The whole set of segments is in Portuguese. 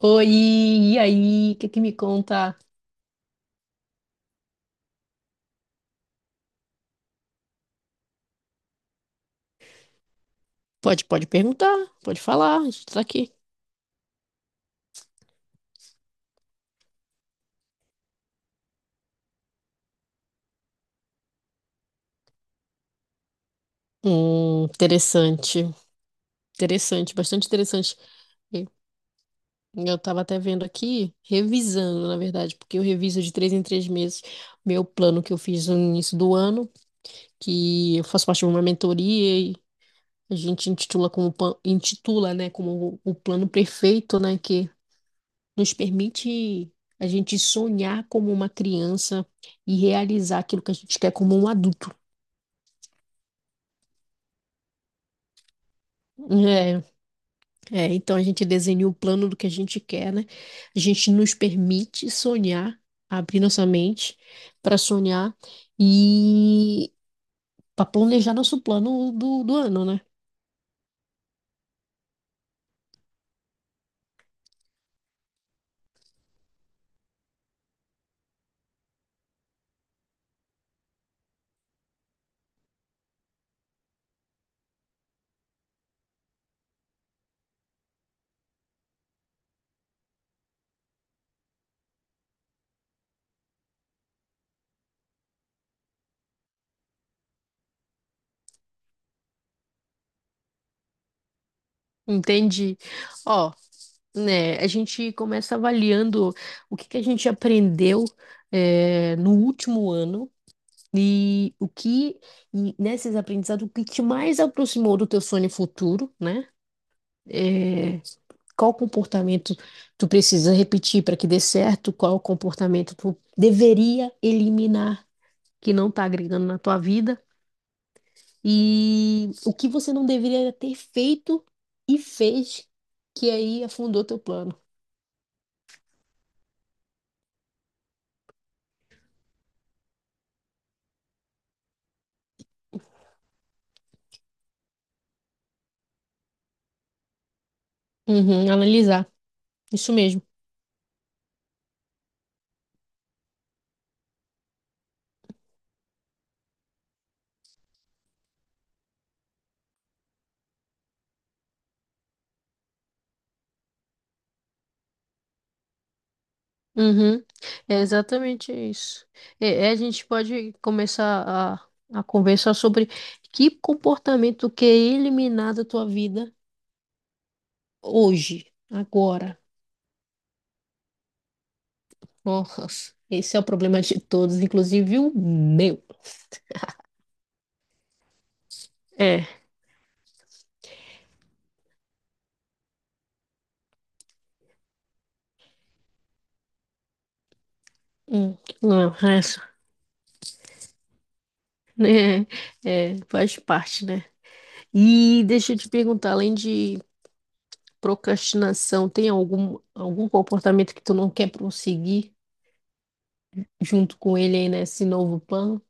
Oi, e aí? O que que me conta? Pode perguntar, pode falar, a gente tá aqui. Interessante, interessante, bastante interessante. E Eu tava até vendo aqui, revisando, na verdade, porque eu reviso de 3 em 3 meses meu plano que eu fiz no início do ano, que eu faço parte de uma mentoria e a gente intitula, né, como o plano perfeito, né, que nos permite a gente sonhar como uma criança e realizar aquilo que a gente quer como um adulto. É, é, então a gente desenha o plano do que a gente quer, né? A gente nos permite sonhar, abrir nossa mente para sonhar e para planejar nosso plano do ano, né? Entende? Ó, né, a gente começa avaliando o que que a gente aprendeu, é, no último ano. E o que, e nesses aprendizados, o que te mais aproximou do teu sonho futuro, né? É, qual comportamento tu precisa repetir para que dê certo? Qual comportamento tu deveria eliminar que não está agregando na tua vida? E o que você não deveria ter feito e fez que aí afundou teu plano? Uhum, analisar, isso mesmo. Uhum. É exatamente isso. É, é, a gente pode começar a conversar sobre que comportamento quer eliminar da tua vida hoje, agora. Nossa, esse é o problema de todos, inclusive o meu. É, hum, não, é, né, é, faz parte, né? E deixa eu te perguntar, além de procrastinação, tem algum comportamento que tu não quer prosseguir junto com ele aí nesse novo plano?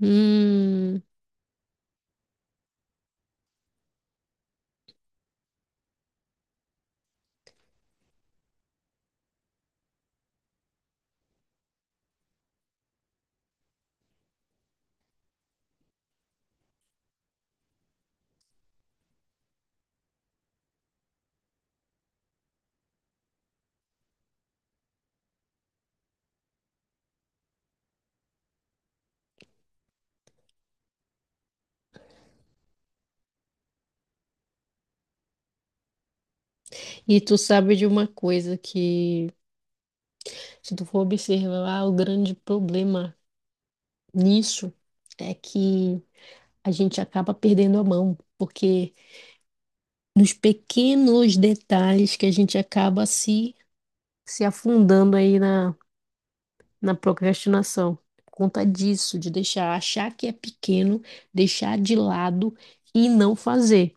Hum, e tu sabe de uma coisa que, se tu for observar, o grande problema nisso é que a gente acaba perdendo a mão, porque nos pequenos detalhes que a gente acaba se afundando aí na procrastinação. Por conta disso, de deixar, achar que é pequeno, deixar de lado e não fazer.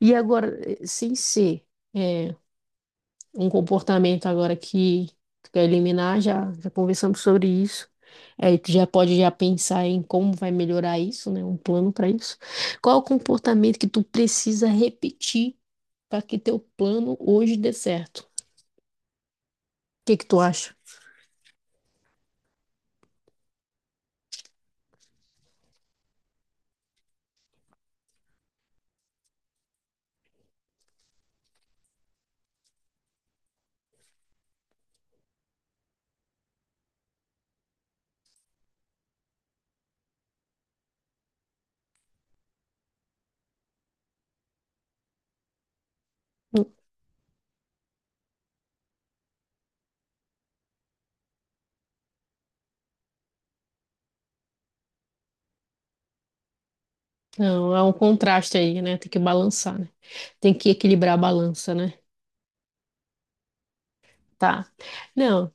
E agora, sem ser. eh, Um comportamento agora que tu quer eliminar, já conversamos sobre isso. Aí tu já pode já pensar em como vai melhorar isso, né? Um plano para isso. Qual é o comportamento que tu precisa repetir para que teu plano hoje dê certo? O que que tu acha? Não, há um contraste aí, né? Tem que balançar, né? Tem que equilibrar a balança, né? Tá. Não,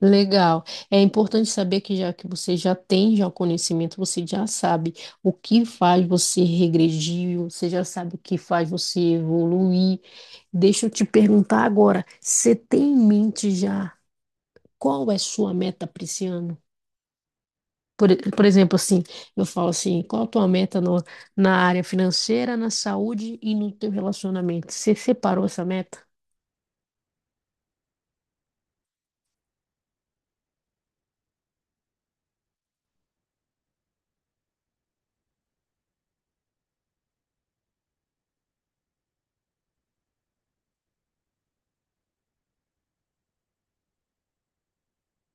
legal. É importante saber que já que você já tem já o conhecimento, você já sabe o que faz você regredir, você já sabe o que faz você evoluir. Deixa eu te perguntar agora, você tem em mente já qual é sua meta para esse ano? Por exemplo, assim, eu falo assim, qual a tua meta na área financeira, na saúde e no teu relacionamento? Você separou essa meta?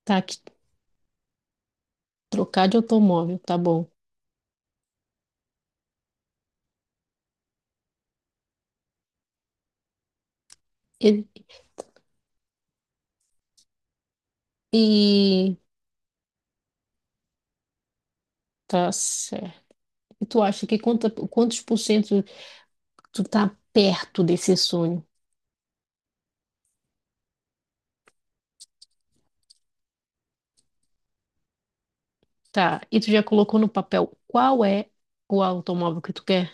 Tá, que trocar de automóvel, tá bom. E, e tá certo. E tu acha que quantos por cento tu tá perto desse sonho? Tá, e tu já colocou no papel qual é o automóvel que tu quer?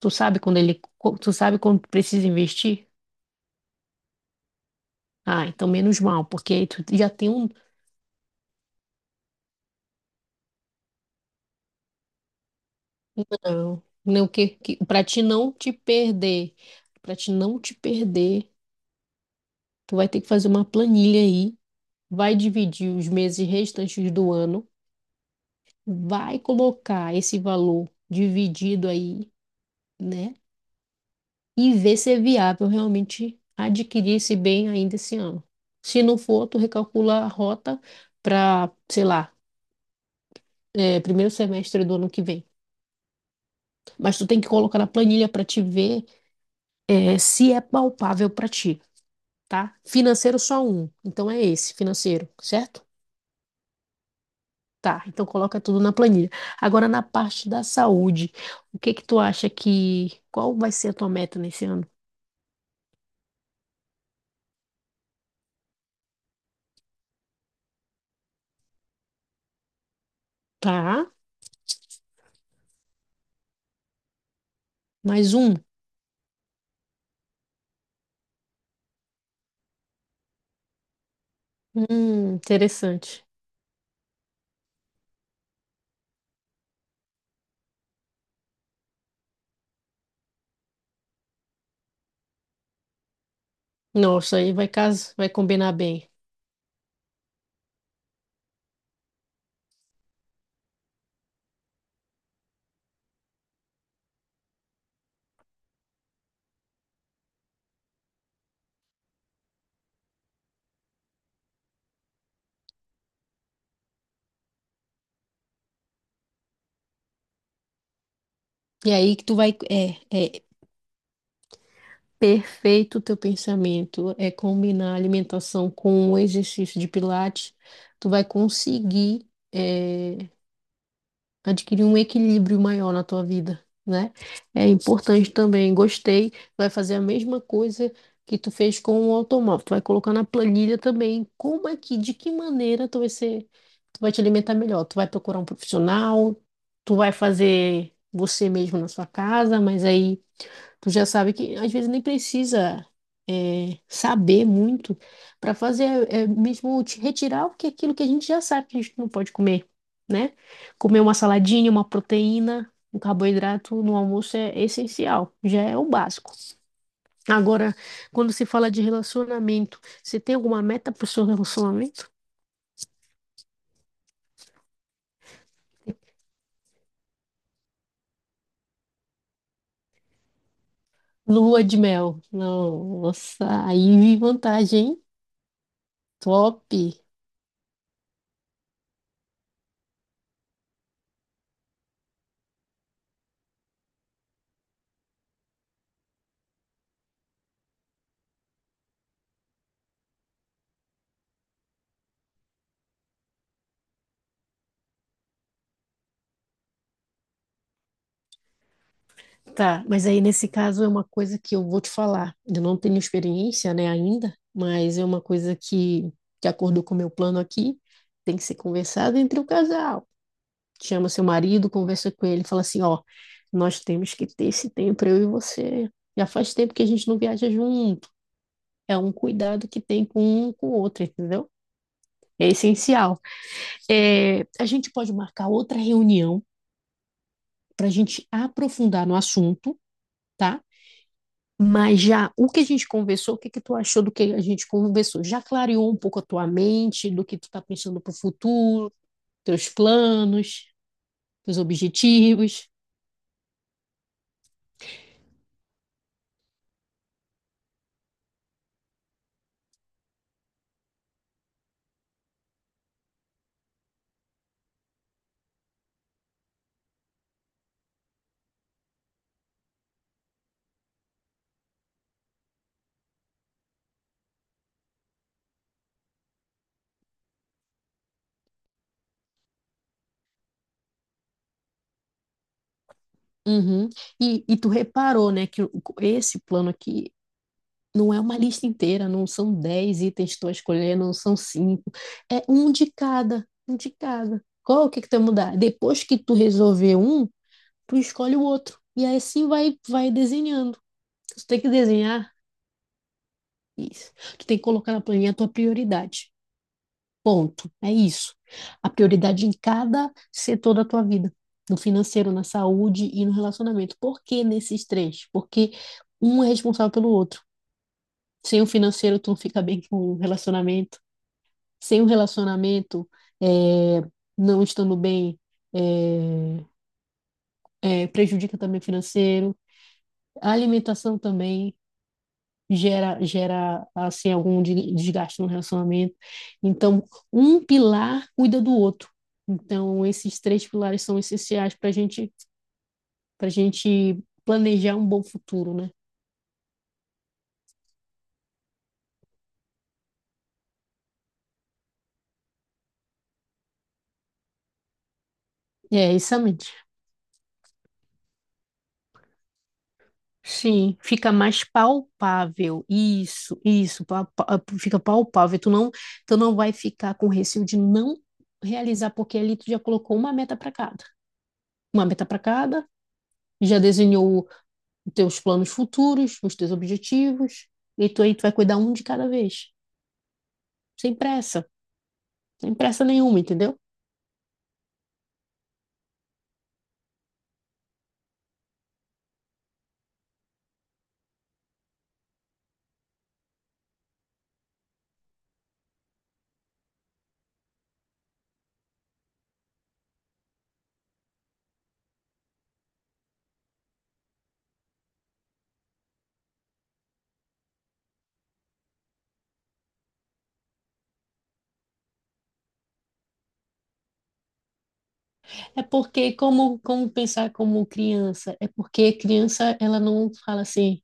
Tu sabe quando tu precisa investir? Ah, então menos mal, porque aí tu já tem um, não, né, o que, que para te não te perder, para te não te perder, tu vai ter que fazer uma planilha aí, vai dividir os meses restantes do ano, vai colocar esse valor dividido aí, né? E ver se é viável realmente adquirir esse bem ainda esse ano. Se não for, tu recalcula a rota para, sei lá, é, primeiro semestre do ano que vem. Mas tu tem que colocar na planilha para te ver, é, se é palpável para ti, tá? Financeiro só um, então é esse, financeiro, certo? Tá, então coloca tudo na planilha. Agora na parte da saúde, o que que tu acha que, qual vai ser a tua meta nesse ano? Tá, mais um. Interessante. Nossa, aí vai casar, vai combinar bem. E aí que tu vai, é, é perfeito o teu pensamento, é combinar a alimentação com o exercício de pilates, tu vai conseguir, é, adquirir um equilíbrio maior na tua vida, né? É importante também. Gostei, vai fazer a mesma coisa que tu fez com o automóvel. Tu vai colocar na planilha também como é que, de que maneira tu vai te alimentar melhor. Tu vai procurar um profissional, tu vai fazer você mesmo na sua casa, mas aí tu já sabe que às vezes nem precisa, é, saber muito para fazer, é, mesmo te retirar o que é aquilo que a gente já sabe que a gente não pode comer, né? Comer uma saladinha, uma proteína, um carboidrato no almoço é essencial, já é o básico. Agora, quando se fala de relacionamento, você tem alguma meta para o seu relacionamento? Lua de mel. Nossa, aí vi vantagem, hein? Top! Tá, mas aí nesse caso é uma coisa que eu vou te falar. Eu não tenho experiência, né, ainda, mas é uma coisa que acordou com o meu plano aqui, tem que ser conversado entre o casal. Chama seu marido, conversa com ele, fala assim, ó, nós temos que ter esse tempo, eu e você. Já faz tempo que a gente não viaja junto. É um cuidado que tem com um com o outro, entendeu? É essencial. É, a gente pode marcar outra reunião para a gente aprofundar no assunto, tá? Mas já o que a gente conversou, o que que tu achou do que a gente conversou? Já clareou um pouco a tua mente, do que tu tá pensando para o futuro, teus planos, teus objetivos? Uhum. E tu reparou, né, que esse plano aqui não é uma lista inteira, não são 10 itens que tu vai escolher, não são cinco, é um de cada, um de cada. Qual é o que que tu vai mudar? Depois que tu resolver um, tu escolhe o outro. E aí assim vai desenhando. Tu tem que desenhar. Isso. Tu tem que colocar na planilha a tua prioridade. Ponto. É isso. A prioridade em cada setor da tua vida. No financeiro, na saúde e no relacionamento. Por que nesses três? Porque um é responsável pelo outro. Sem o financeiro, tu não fica bem com o relacionamento. Sem o relacionamento, é, não estando bem, é, é, prejudica também o financeiro. A alimentação também gera assim, algum desgaste no relacionamento. Então, um pilar cuida do outro. Então, esses três pilares são essenciais para gente planejar um bom futuro, né? É, exatamente. Sim, fica mais palpável. Isso, fica palpável. Tu não vai ficar com receio de não realizar, porque ali tu já colocou uma meta para cada. Uma meta para cada, já desenhou. Então, os teus planos futuros, os teus objetivos, e tu aí tu vai cuidar um de cada vez, sem pressa, sem pressa nenhuma, entendeu? É porque como pensar como criança, é porque criança ela não fala assim,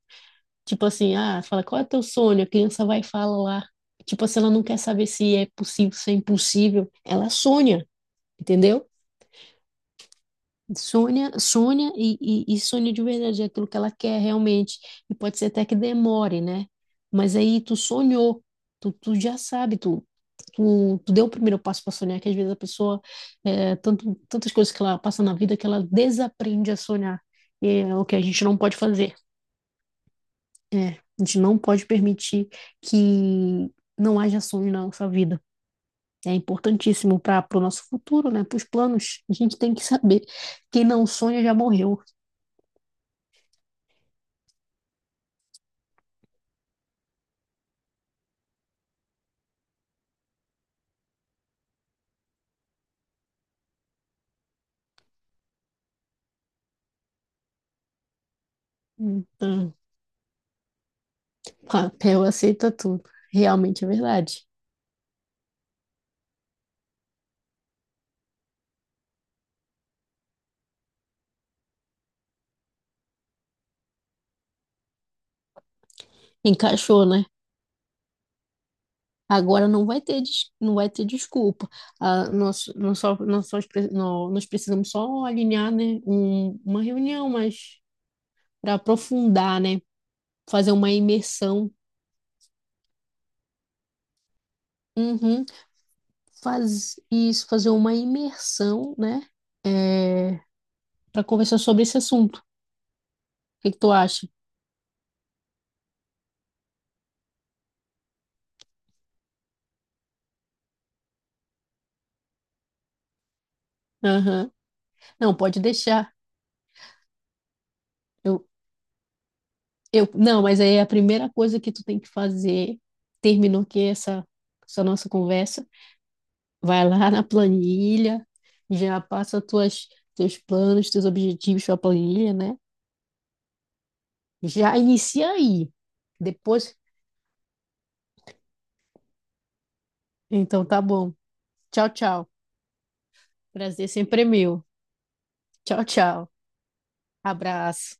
tipo assim, ah, fala qual é teu sonho, a criança vai falar, tipo assim, ela não quer saber se é possível, se é impossível, ela sonha, entendeu? Sônia, Sônia e Sônia de verdade, é aquilo que ela quer realmente. E pode ser até que demore, né? Mas aí tu sonhou, tu já sabe, tu deu o primeiro passo para sonhar, que às vezes a pessoa, é, tantas coisas que ela passa na vida que ela desaprende a sonhar. E é o que a gente não pode fazer. É, a gente não pode permitir que não haja sonho na nossa vida. É importantíssimo para o nosso futuro, né? Para os planos. A gente tem que saber que quem não sonha já morreu. Então, papel aceita tudo. Realmente é verdade. Encaixou, né? Agora não vai ter, não vai ter desculpa. Ah, nós precisamos só alinhar, né, uma reunião, mas para aprofundar, né? Fazer uma imersão. Uhum. Faz isso, fazer uma imersão, né? Para conversar sobre esse assunto. O que que tu acha? Aham. Não, pode deixar. Eu, não, mas aí a primeira coisa que tu tem que fazer, terminou aqui essa nossa conversa, vai lá na planilha, já passa teus planos, teus objetivos para a planilha, né? Já inicia aí. Depois, então tá bom. Tchau, tchau. Prazer sempre é meu. Tchau, tchau. Abraço.